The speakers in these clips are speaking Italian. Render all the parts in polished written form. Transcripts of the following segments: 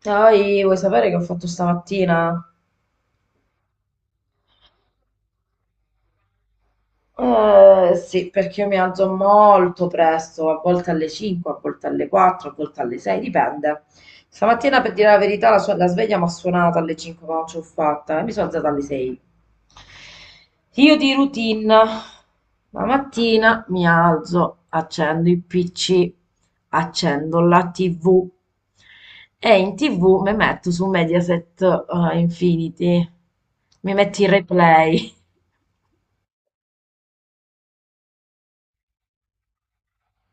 Poi vuoi sapere che ho fatto stamattina? Sì, perché io mi alzo molto presto, a volte alle 5, a volte alle 4, a volte alle 6, dipende. Stamattina, per dire la verità, la sveglia mi ha suonato alle 5, ma non ce l'ho fatta e mi sono alzata alle 6. Io di routine, la mattina mi alzo, accendo il PC, accendo la TV e in TV mi metto su Mediaset Infinity, mi metto i replay.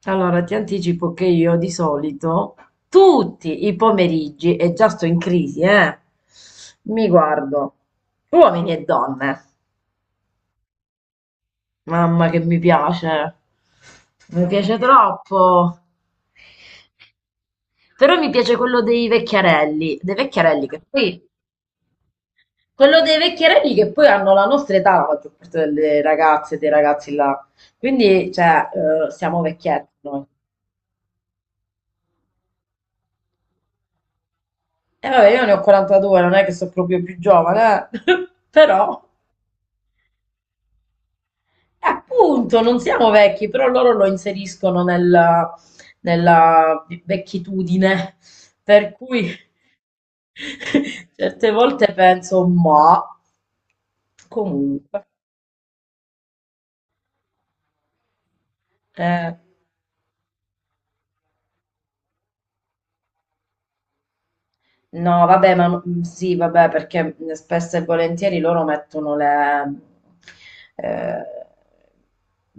Allora, ti anticipo che io di solito tutti i pomeriggi, e già sto in crisi, mi guardo uomini e donne. Mamma che mi piace troppo. Però mi piace quello dei vecchiarelli, quello dei vecchiarelli che poi hanno la nostra età, la maggior parte delle ragazze e dei ragazzi là. Quindi, cioè, siamo vecchietti noi. E vabbè, io ne ho 42, non è che sono proprio più giovane, eh. Però, appunto, non siamo vecchi, però loro lo inseriscono nella vecchitudine, per cui certe volte penso, ma comunque, eh. No, vabbè, ma sì, vabbè, perché spesso e volentieri loro mettono eh,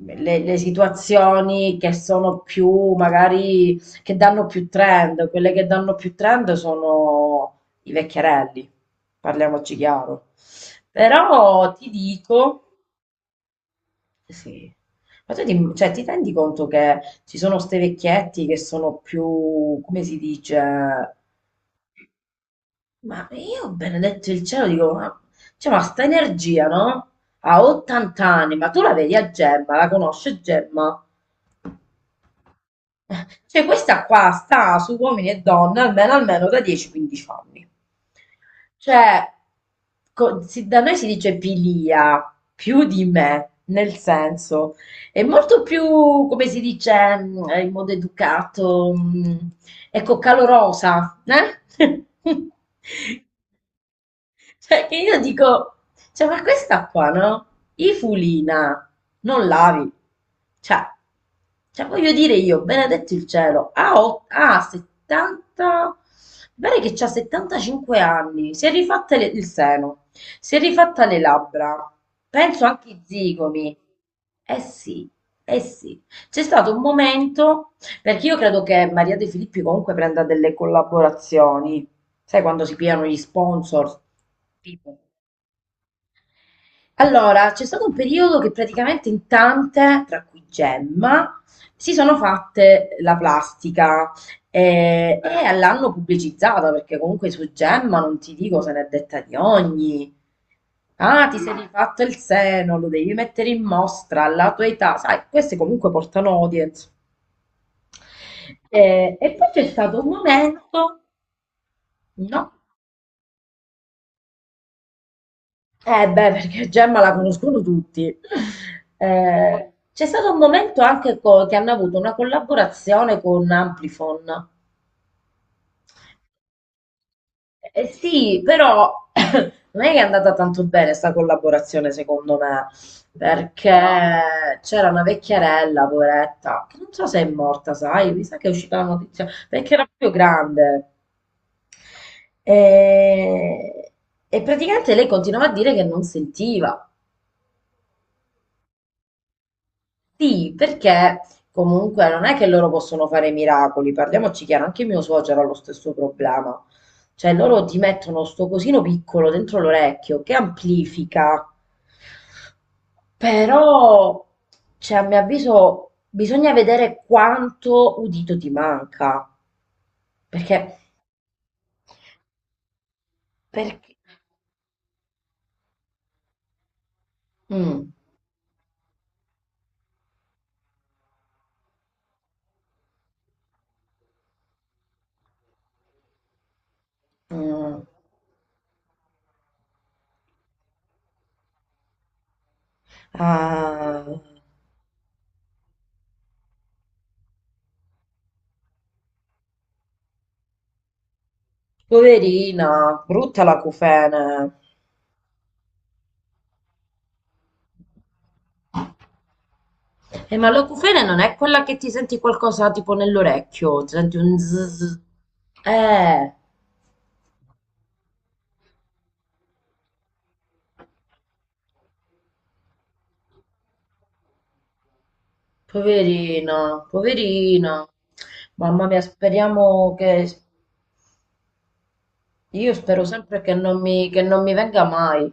le situazioni che sono più, magari, che danno più trend. Quelle che danno più trend sono i vecchierelli, parliamoci chiaro. Però ti dico, sì, ma cioè, ti rendi conto che ci sono ste vecchietti che sono più, come si dice? Ma io, ho benedetto il cielo, dico, ma, cioè, ma sta energia, no? Ha 80 anni, ma tu la vedi a Gemma, la conosce Gemma? Cioè, questa qua sta su uomini e donne almeno, almeno da 10-15 anni. Cioè, da noi si dice pilia, più di me, nel senso, è molto più, come si dice, in modo educato, ecco, calorosa, eh? Cioè, che io dico, cioè, ma questa qua, no? I fulina, non lavi. Cioè, cioè, voglio dire io, benedetto il cielo, ha 70, mi pare che c'ha 75 anni, si è rifatta il seno, si è rifatta le labbra, penso anche i zigomi. Eh sì, eh sì. C'è stato un momento, perché io credo che Maria De Filippi comunque prenda delle collaborazioni. Sai quando si pigliano gli sponsor? Tipo. Allora, c'è stato un periodo che praticamente in tante, tra cui Gemma, si sono fatte la plastica e l'hanno pubblicizzata perché comunque su Gemma non ti dico se n'è detta di ogni. Ah, ti sei rifatto il seno, lo devi mettere in mostra alla tua età, sai, queste comunque portano audience. E poi c'è stato un momento, no? Eh beh, perché Gemma la conoscono tutti. C'è stato un momento anche che hanno avuto una collaborazione con Amplifon. Sì, però non è che è andata tanto bene sta collaborazione, secondo me, perché c'era una vecchierella, poveretta, che non so se è morta, sai, mi sa che è uscita la notizia, perché era proprio grande. E, e praticamente lei continuava a dire che non sentiva. Sì, perché comunque non è che loro possono fare miracoli, parliamoci chiaro, anche mio suocero ha lo stesso problema. Cioè, loro ti mettono sto cosino piccolo dentro l'orecchio che amplifica, però, cioè, a mio avviso, bisogna vedere quanto udito ti manca. Perché, perché, mm, mm. Ah, poverina, brutta la cufene. Ma l'acufene non è quella che ti senti qualcosa tipo nell'orecchio, ti senti un zzz. Eh, poverina, poverina. Mamma mia, speriamo che... Io spero sempre che non mi venga mai.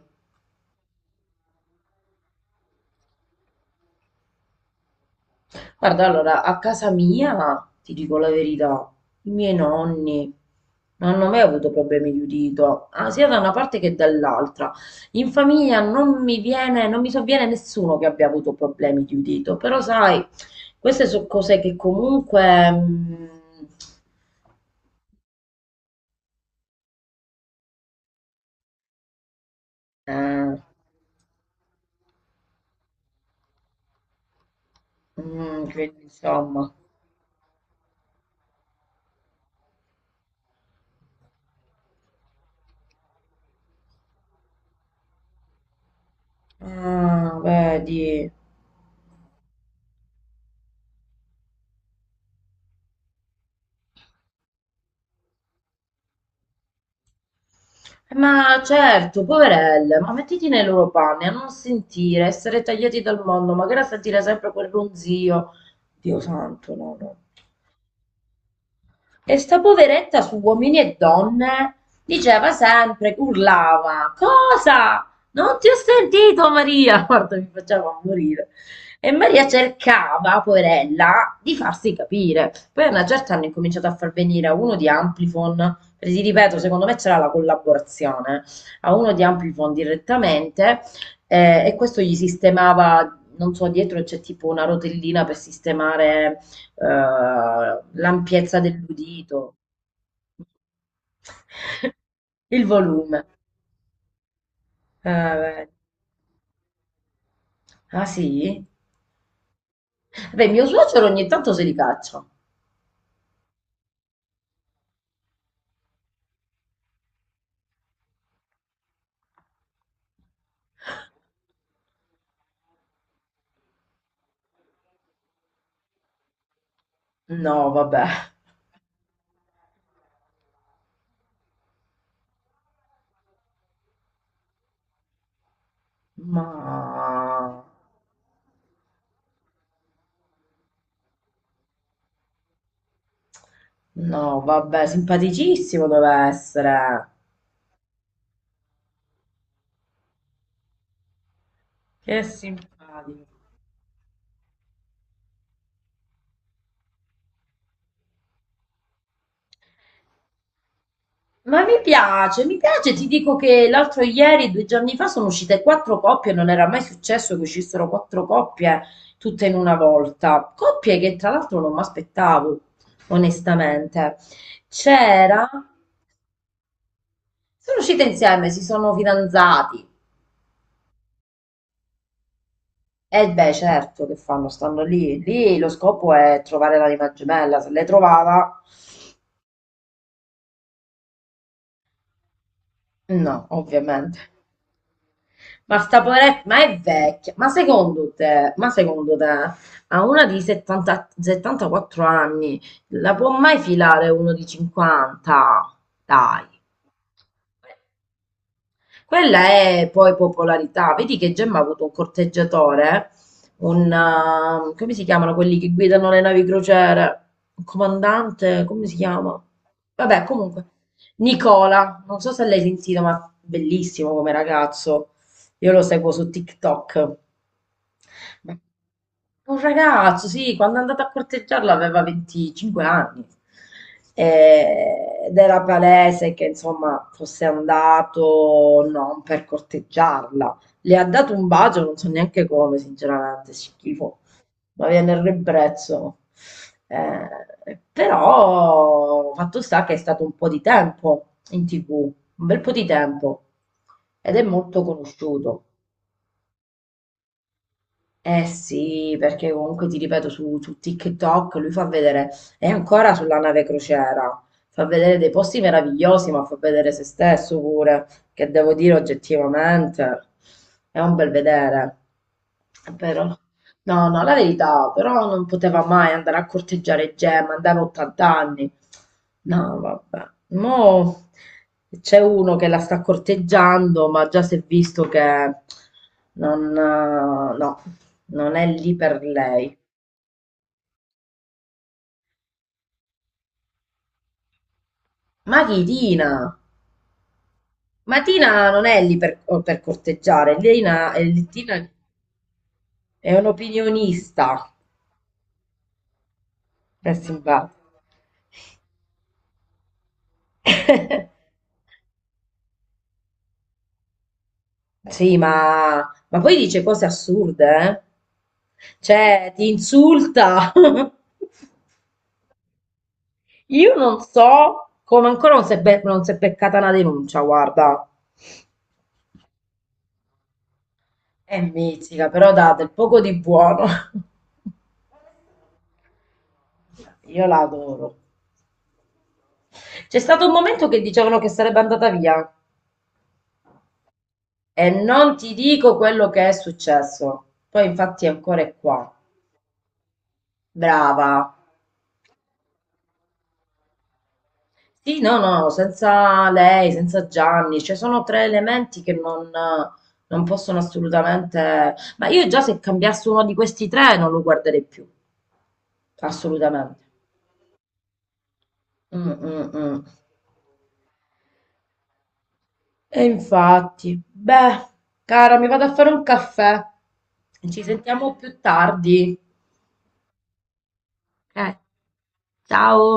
Guarda, allora, a casa mia, ti dico la verità, i miei nonni non hanno mai avuto problemi di udito, ah, sia da una parte che dall'altra. In famiglia non mi sovviene nessuno che abbia avuto problemi di udito, però sai, queste sono cose che comunque... eh, quindi, insomma, ah, vedi. Ma certo, poverelle, ma mettiti nei loro panni a non sentire, essere tagliati dal mondo, magari a sentire sempre quel ronzio. Dio santo, no, no. E sta poveretta su Uomini e Donne diceva sempre, urlava, cosa? Non ti ho sentito Maria! Guarda, mi faceva morire. E Maria cercava, poverella, di farsi capire. Poi a una certa hanno incominciato a far venire a uno di Amplifon, perché ti ripeto, secondo me c'era la collaborazione, a uno di Amplifon direttamente e questo gli sistemava, non so, dietro c'è tipo una rotellina per sistemare l'ampiezza dell'udito, il volume. Eh, ah sì? Beh, mio suocero ogni tanto se li caccia. No, vabbè. Ma... No, vabbè, simpaticissimo deve essere. Che simpatico. Ma mi piace, ti dico che l'altro ieri, due giorni fa, sono uscite quattro coppie, non era mai successo che uscissero quattro coppie tutte in una volta. Coppie che tra l'altro non mi aspettavo, onestamente. C'era, sono uscite insieme, si sono fidanzati. E beh, certo che fanno, stanno lì. Lì lo scopo è trovare l'anima gemella, se l'hai trovata, no, ovviamente. Ma sta poveretta, ma è vecchia. Ma secondo te, a una di 70 74 anni la può mai filare uno di 50? Dai. Quella è poi popolarità. Vedi che Gemma ha avuto un corteggiatore, un, come si chiamano quelli che guidano le navi crociere? Un comandante, come si chiama? Vabbè, comunque. Nicola, non so se l'hai sentito, ma bellissimo come ragazzo. Io lo seguo su TikTok. Ma Un ragazzo, sì, quando è andato a corteggiarla aveva 25 anni. Ed era palese che insomma fosse andato non per corteggiarla. Le ha dato un bacio, non so neanche come, sinceramente, schifo, ma viene il ribrezzo. Però fatto sta che è stato un po' di tempo in TV, un bel po' di tempo ed è molto conosciuto. Eh sì, perché comunque ti ripeto su TikTok lui fa vedere, è ancora sulla nave crociera, fa vedere dei posti meravigliosi, ma fa vedere se stesso pure, che devo dire oggettivamente, è un bel vedere. Però, no, no, la verità, però non poteva mai andare a corteggiare Gemma, andava a 80 anni. No, vabbè. Mo c'è uno che la sta corteggiando, ma già si è visto che non, no, non è lì per lei. Ma chi Tina? Ma Tina non è lì per, oh, per corteggiare. Lina, è, Tina è un'opinionista. È simpatico. Sì, ma poi dice cose assurde, eh? Cioè, ti insulta. Io non so come ancora non si è beccata una denuncia, guarda. È mitica, però dà del poco di buono. Io la adoro. C'è stato un momento che dicevano che sarebbe andata via. E non ti dico quello che è successo. Poi infatti ancora è qua. Brava. Sì, no, no, senza lei, senza Gianni, cioè sono tre elementi che non, non possono assolutamente... Ma io già se cambiassi uno di questi tre non lo guarderei più, assolutamente. Mm, mm, mm. E infatti, beh, cara, mi vado a fare un caffè. Ci sentiamo più tardi. Eh, ciao.